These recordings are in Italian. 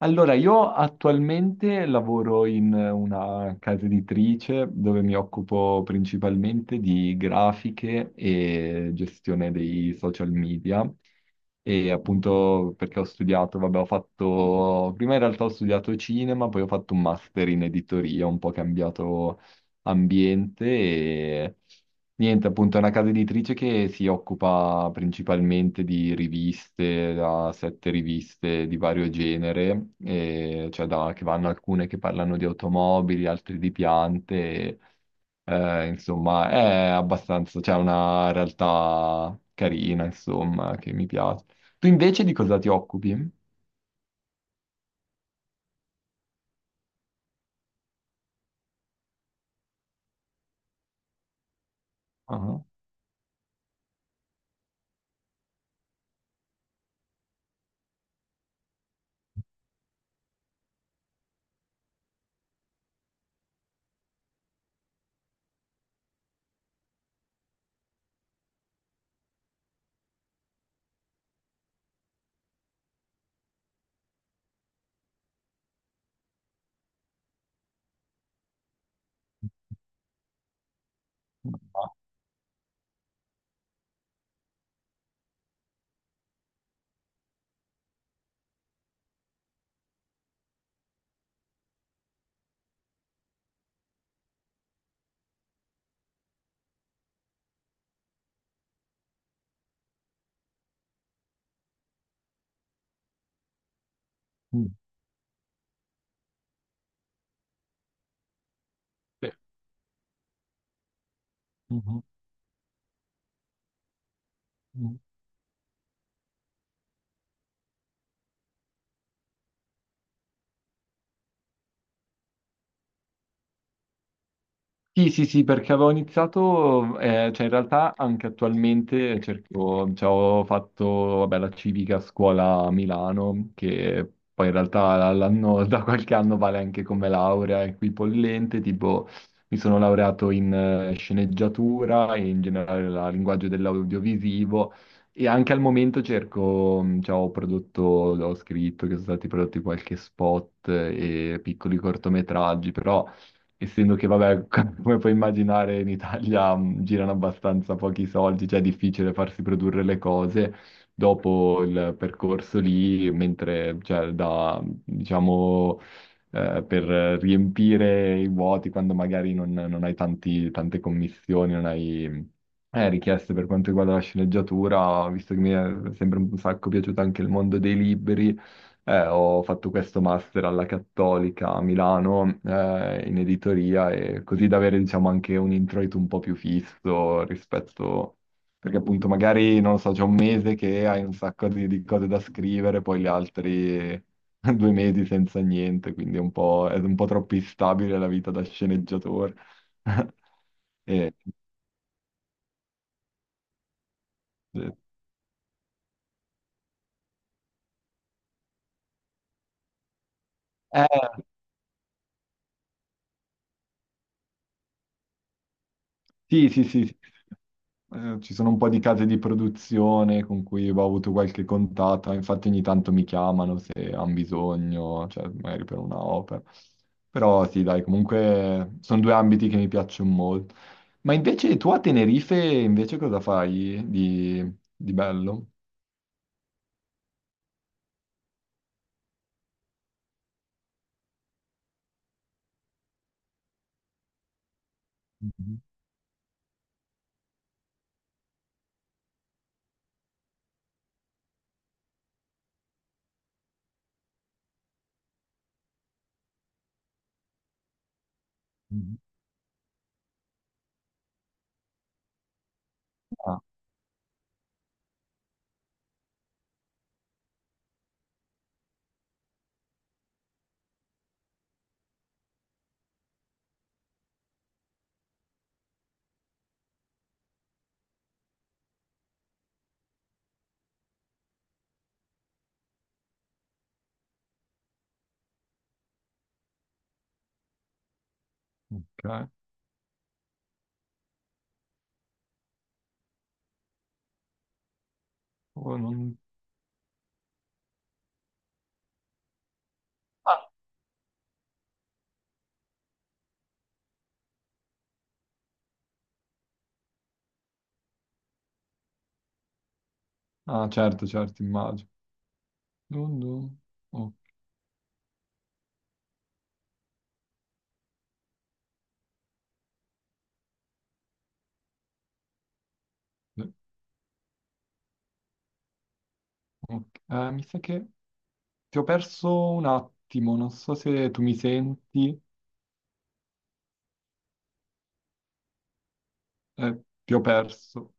Allora, io attualmente lavoro in una casa editrice dove mi occupo principalmente di grafiche e gestione dei social media. E appunto perché ho studiato, vabbè, ho fatto, prima in realtà ho studiato cinema, poi ho fatto un master in editoria, ho un po' cambiato ambiente. Niente, appunto, è una casa editrice che si occupa principalmente di riviste, da sette riviste di vario genere, e cioè che vanno alcune che parlano di automobili, altre di piante, e, insomma, è abbastanza, c'è una realtà carina, insomma, che mi piace. Tu invece di cosa ti occupi? Ah, ah, mm, sì, mhm. Sì, sì, sì, perché avevo iniziato, cioè in realtà anche attualmente cerco, cioè ho fatto, vabbè, la civica a scuola a Milano, che poi in realtà da qualche anno vale anche come laurea equipollente, tipo mi sono laureato in sceneggiatura e in generale la linguaggio dell'audiovisivo e anche al momento cerco, cioè ho prodotto, ho scritto che sono stati prodotti qualche spot e piccoli cortometraggi, però essendo che, vabbè, come puoi immaginare, in Italia girano abbastanza pochi soldi, cioè è difficile farsi produrre le cose dopo il percorso lì, mentre, cioè, da, diciamo, per riempire i vuoti quando magari non hai tante commissioni, non hai richieste per quanto riguarda la sceneggiatura, visto che mi è sempre un sacco piaciuto anche il mondo dei libri, ho fatto questo master alla Cattolica a Milano, in editoria e così da avere, diciamo, anche un introito un po' più fisso rispetto. Perché appunto magari, non lo so, c'è un mese che hai un sacco di, cose da scrivere, poi gli altri 2 mesi senza niente, quindi è un po' troppo instabile la vita da sceneggiatore. E- eh, sì, sì, sì, sì. Ci sono un po' di case di produzione con cui ho avuto qualche contatto, infatti ogni tanto mi chiamano se hanno bisogno, cioè magari per una opera. Però sì, dai, comunque sono due ambiti che mi piacciono molto. Ma invece tu a Tenerife invece cosa fai di bello? Mhm, mhm. Ah, ok. Oh, ah, ah, certo, certo, immagino. Non- non- ok, ok. Mi sa che ti ho perso un attimo, non so se tu mi senti. Eh, ti ho perso.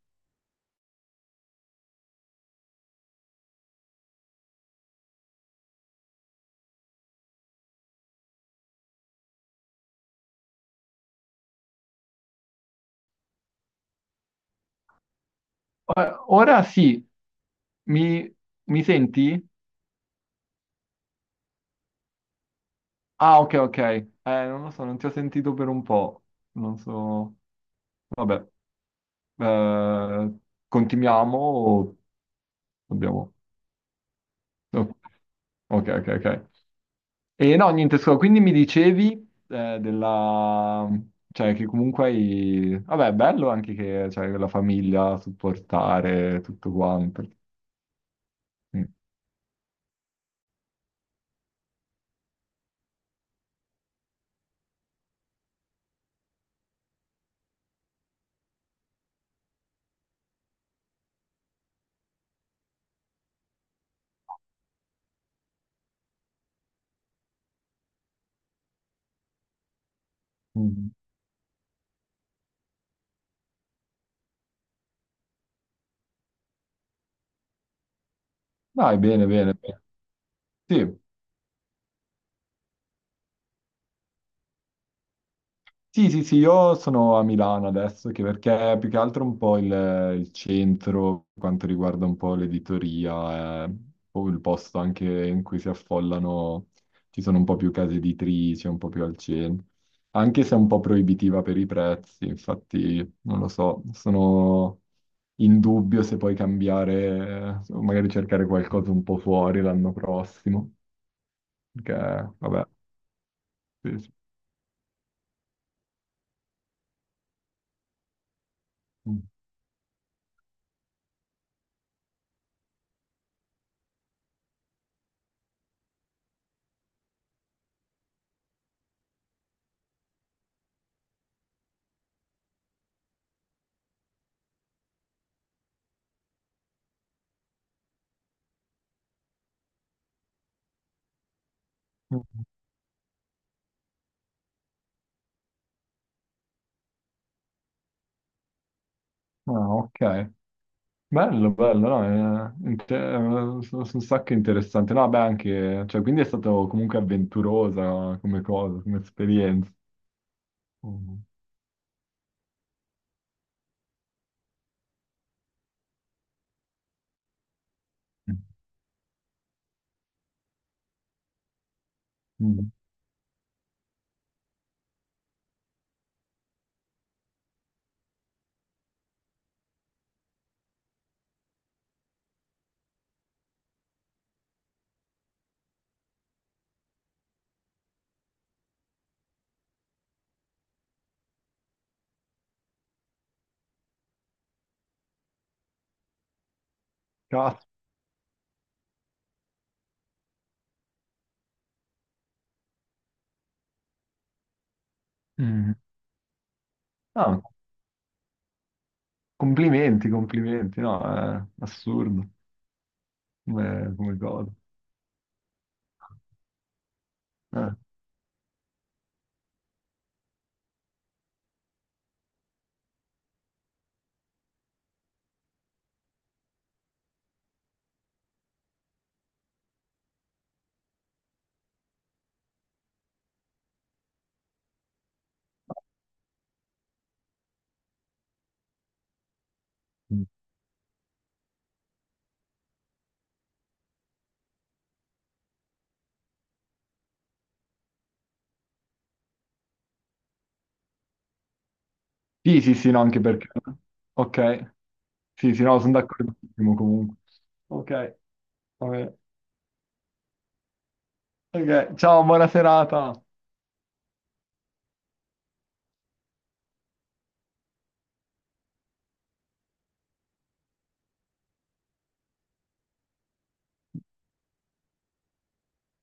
Ora ora sì, mi, mi senti? Ah, ok, ok. Non lo so, non ti ho sentito per un po'. Non so. Vabbè, eh, continuiamo o dobbiamo. No. Ok, ok, ok. E no, niente, scusa, quindi mi dicevi della. Cioè, che comunque hai. Vabbè, è bello anche che c'hai la famiglia, supportare, tutto quanto. Mm. Mm. Dai, bene, bene, bene. Sì. Sì, sì, sì, io sono a Milano adesso, che perché è più che altro un po' il, centro, per quanto riguarda un po' l'editoria, è un po' il posto anche in cui si affollano, ci sono un po' più case editrici, un po' più al centro, anche se è un po' proibitiva per i prezzi, infatti non lo so, sono in dubbio se poi cambiare, o magari cercare qualcosa un po' fuori l'anno prossimo, perché vabbè, sì, sì. Mm. Ah, ok. Bello, bello, no, sono un sacco interessante. No, beh, anche, cioè, quindi è stato comunque avventurosa come cosa, come esperienza. Mm. Mm. Cazzo. Mm. No, complimenti, complimenti, no, è assurdo come, cosa. Eh. Mm. Sì, sì, sì, no, anche perché. Ok, sì, sì, no, sono d'accordissimo comunque. Ok, vabbè. Ok, ciao, buona serata.